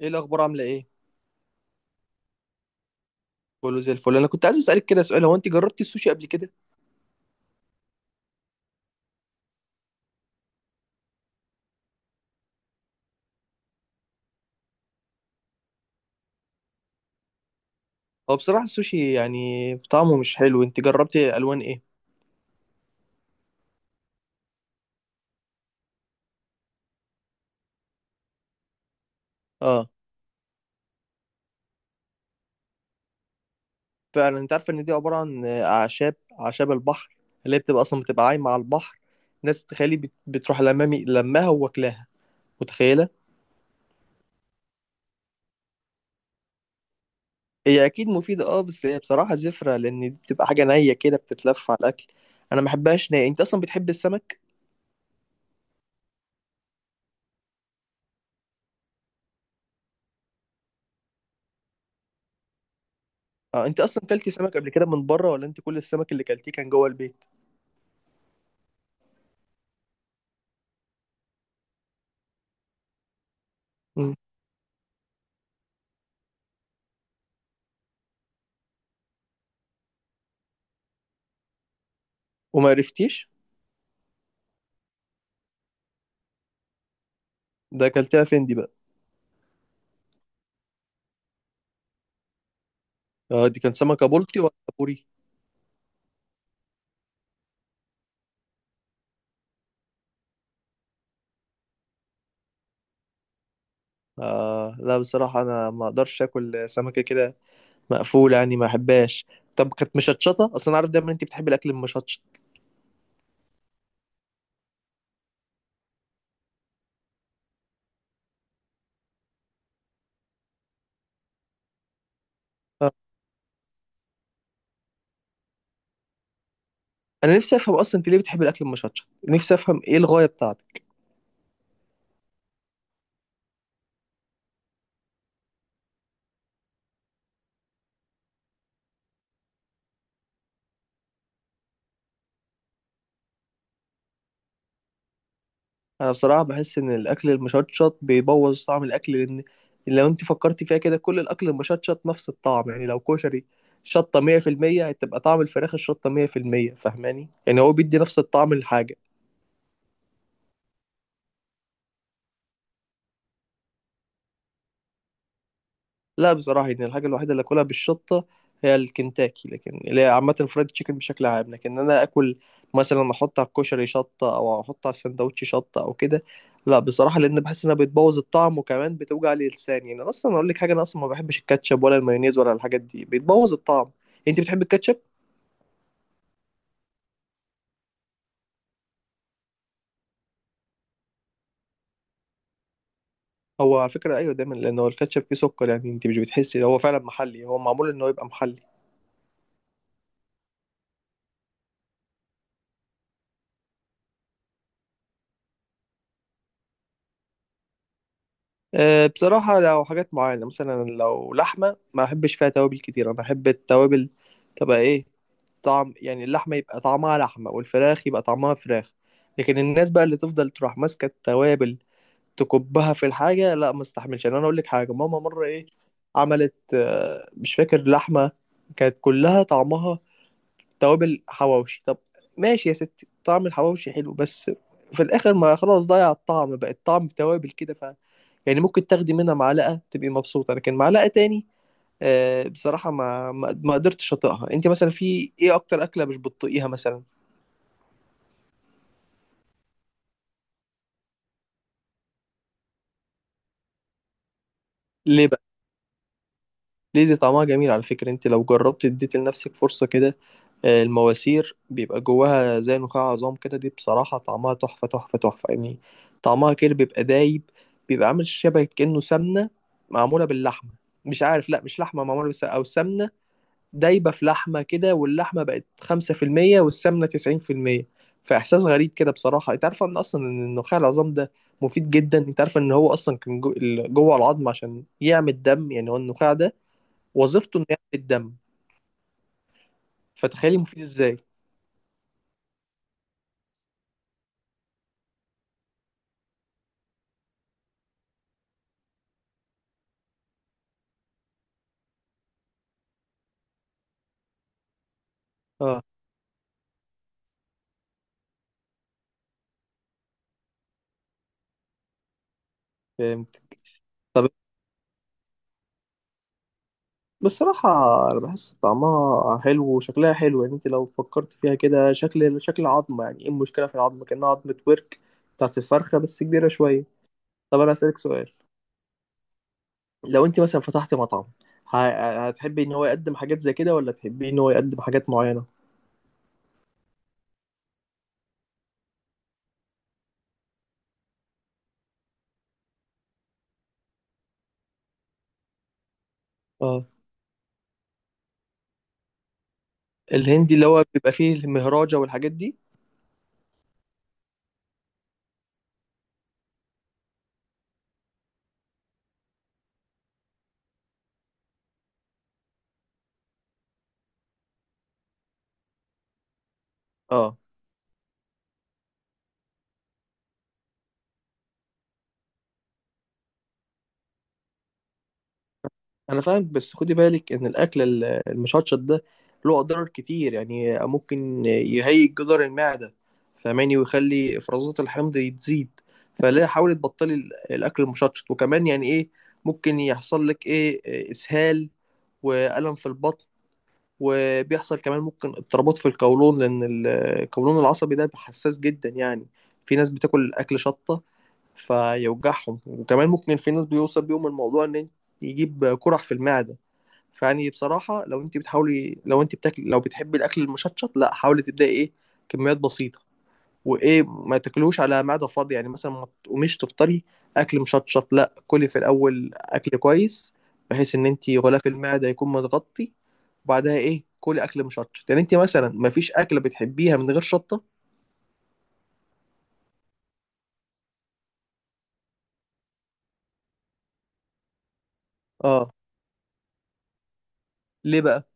ايه الاخبار؟ عامله ايه؟ كله زي الفل. انا كنت عايز اسالك كده سؤال، هو انت جربتي السوشي قبل كده؟ هو بصراحه السوشي يعني طعمه مش حلو. انت جربتي الوان ايه؟ اه، فعلا انت عارفه ان دي عباره عن اعشاب، اعشاب البحر اللي هي بتبقى اصلا بتبقى عايمه على البحر. ناس تخيلي بتروح لمامي لماها وواكلاها. متخيله؟ هي اكيد مفيده، اه، بس هي بصراحه زفره، لان دي بتبقى حاجه نيه كده بتتلف على الاكل. انا ما بحبهاش نيه. انت اصلا بتحب السمك؟ اه، انت اصلا كلتي سمك قبل كده من بره، ولا انت كل السمك اللي كلتيه كان جوه البيت؟ مم. وما عرفتيش؟ ده اكلتها فين دي بقى؟ اه، دي كان سمكة بلطي ولا بوري؟ آه، لا بصراحة انا ما اقدرش اكل سمكة كده مقفولة، يعني ما احبهاش. طب كانت مشطشطة؟ اصلا انا عارف دايما انت بتحبي الاكل المشطشط. آه. انا نفسي افهم اصلا انت ليه بتحبي الاكل المشطشط، نفسي افهم ايه الغاية بتاعتك. انا بصراحة بحس ان الاكل المشطشط بيبوظ طعم الاكل، لان لو انت فكرتي فيها كده كل الاكل المشطشط نفس الطعم. يعني لو كشري شطة 100%، هتبقى طعم الفراخ الشطة 100%، فاهماني؟ يعني هو بيدي نفس الطعم للحاجة. لا بصراحة، يعني الحاجة الوحيدة اللي آكلها بالشطة هي الكنتاكي، لكن اللي هي عامة الفرايد تشيكن بشكل عام. لكن أنا آكل مثلا أحط على الكشري شطة، أو أحط على السندوتش شطة، أو كده. لا بصراحة، لأن بحس إنها بتبوظ الطعم، وكمان بتوجع لي لساني. يعني أصلا أقول لك حاجة، أنا أصلا ما بحبش الكاتشب ولا المايونيز ولا الحاجات دي، بتبوظ الطعم. أنت بتحب الكاتشب؟ هو على فكرة أيوه دايما، لأن هو الكاتشب فيه سكر. يعني أنت مش بتحسي هو فعلا محلي؟ هو معمول إن هو يبقى محلي. أه، بصراحة لو حاجات معينة مثلا لو لحمة ما أحبش فيها توابل كتير، أنا أحب التوابل تبقى إيه، طعم، يعني اللحمة يبقى طعمها لحمة والفراخ يبقى طعمها فراخ. لكن الناس بقى اللي تفضل تروح ماسكة التوابل تكبها في الحاجة، لا ما استحملش. يعني أنا أقول لك حاجة، ماما مرة إيه عملت، مش فاكر، لحمة كانت كلها طعمها توابل، حواوشي. طب ماشي يا ستي، طعم الحواوشي حلو، بس في الآخر ما خلاص، ضيع الطعم بقى، الطعم توابل كده. يعني ممكن تاخدي منها معلقة تبقي مبسوطة، لكن معلقة تاني بصراحة ما قدرتش أطيقها. أنت مثلا في إيه أكتر أكلة مش بتطيقيها مثلا؟ ليه بقى؟ ليه؟ دي طعمها جميل على فكرة، أنت لو جربت اديت لنفسك فرصة كده. المواسير بيبقى جواها زي نخاع عظام كده، دي بصراحة طعمها تحفة تحفة تحفة، يعني طعمها كده بيبقى دايب، بيبقى عامل شبه كأنه سمنة معمولة باللحمة. مش عارف، لا مش لحمة معمولة بس، أو سمنة دايبه في لحمه كده، واللحمه بقت 5% والسمنه 90%. فاحساس غريب كده بصراحه. انت عارفه ان اصلا ان النخاع العظام ده مفيد جدا؟ انت عارفه ان هو اصلا كان جوه العظم عشان يعمل دم؟ يعني هو النخاع ده وظيفته انه يعمل الدم، فتخيلي مفيد ازاي. اه، فهمت. طب بصراحة أنا بحس طعمها حلو وشكلها حلو، يعني أنت لو فكرت فيها كده شكل، شكل عظمة، يعني إيه المشكلة في العظمة، كأنها عظمة ورك بتاعت الفرخة بس كبيرة شوية. طب أنا أسألك سؤال، لو انت مثلا فتحت مطعم، هتحبي ان هو يقدم حاجات زي كده، ولا تحبي ان هو يقدم حاجات معينة؟ اه، الهندي اللي هو بيبقى فيه المهراجة والحاجات دي؟ اه، انا فاهم، بس خدي بالك ان الاكل المشطشط ده له اضرار كتير. يعني ممكن يهيج جدار المعدة، فاهماني، ويخلي افرازات الحمض تزيد. فلا، حاولي تبطلي الاكل المشطشط. وكمان يعني ايه ممكن يحصل لك، ايه، اسهال والم في البطن. وبيحصل كمان ممكن اضطرابات في القولون، لأن القولون العصبي ده حساس جدا. يعني في ناس بتاكل أكل شطة فيوجعهم، وكمان ممكن في ناس بيوصل بيهم الموضوع إن يجيب قرح في المعدة. فيعني بصراحة لو أنت بتحاولي، لو أنت بتاكل، لو بتحبي الأكل المشطشط، لا حاولي تبدأي، إيه، كميات بسيطة. وايه، ما تاكلهوش على معده فاضيه، يعني مثلا ما تقوميش تفطري اكل مشطشط. لا، كلي في الاول اكل كويس بحيث ان انت غلاف المعده يكون متغطي، وبعدها ايه كلي اكل مشطشط. يعني انت مثلا ما فيش اكله بتحبيها من غير شطه؟ اه، ليه بقى؟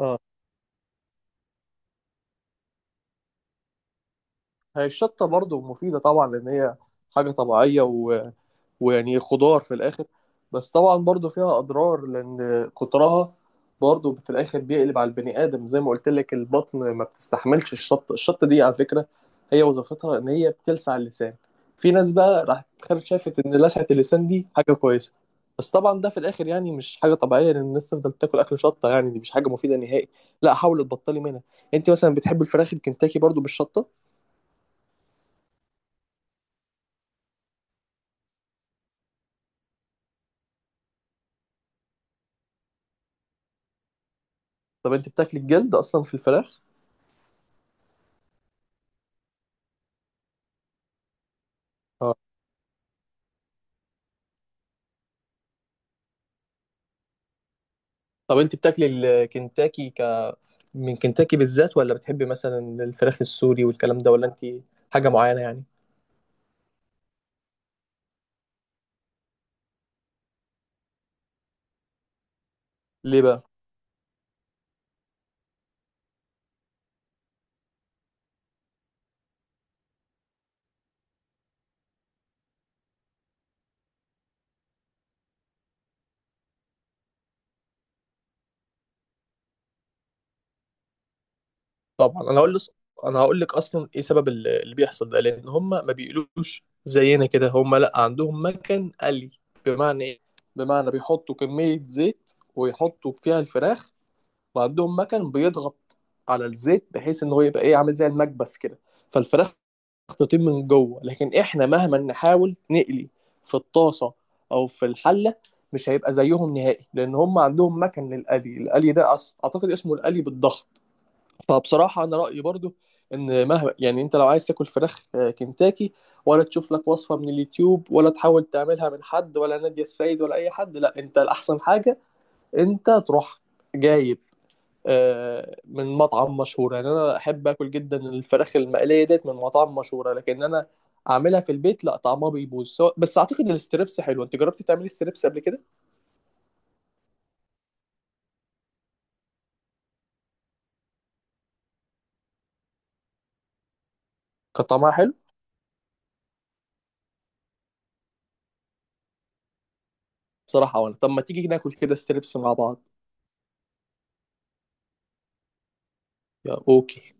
اه، هي الشطه برضو مفيده طبعا، لان هي حاجه طبيعيه، ويعني خضار في الاخر. بس طبعا برضو فيها اضرار، لان كترها برضو في الاخر بيقلب على البني ادم. زي ما قلت لك البطن ما بتستحملش الشط. دي على فكره هي وظيفتها ان هي بتلسع اللسان، في ناس بقى راح تخرج شافت ان لسعه اللسان دي حاجه كويسه. بس طبعا ده في الاخر يعني مش حاجه طبيعيه، لان الناس تفضل تاكل اكل شطه، يعني دي مش حاجه مفيده نهائي. لا حاولي تبطلي منها. انت مثلا بتحبي الفراخ الكنتاكي برضو بالشطه؟ طب انت بتاكلي الجلد اصلا في الفراخ؟ اه، طب انت بتاكلي الكنتاكي من كنتاكي بالذات، ولا بتحبي مثلا الفراخ السوري والكلام ده، ولا انت حاجه معينه يعني؟ ليه بقى؟ طبعا انا هقول لك، انا هقول لك اصلا ايه سبب اللي بيحصل ده. لان هم ما بيقلوش زينا كده، هم لا عندهم مكن قلي. بمعنى ايه؟ بمعنى بيحطوا كميه زيت ويحطوا فيها الفراخ، وعندهم مكن بيضغط على الزيت بحيث ان هو يبقى ايه عامل زي المكبس كده، فالفراخ تطيب من جوه. لكن احنا مهما نحاول نقلي في الطاسه او في الحله مش هيبقى زيهم نهائي، لان هم عندهم مكن للقلي، القلي ده اعتقد اسمه القلي بالضغط. فبصراحه انا رايي برضو ان مهما، يعني انت لو عايز تاكل فراخ كنتاكي، ولا تشوف لك وصفه من اليوتيوب، ولا تحاول تعملها من حد ولا نادية السيد ولا اي حد، لا انت الاحسن حاجه انت تروح جايب من مطعم مشهور. يعني انا احب اكل جدا الفراخ المقليه ديت من مطاعم مشهوره، لكن انا اعملها في البيت لا، طعمها بيبوظ. بس اعتقد ان الستريبس حلو، انت جربتي تعملي ستريبس قبل كده؟ كان طعمها حلو؟ بصراحه، وانا، طب ما تيجي ناكل كده ستريبس مع بعض. يا اوكي.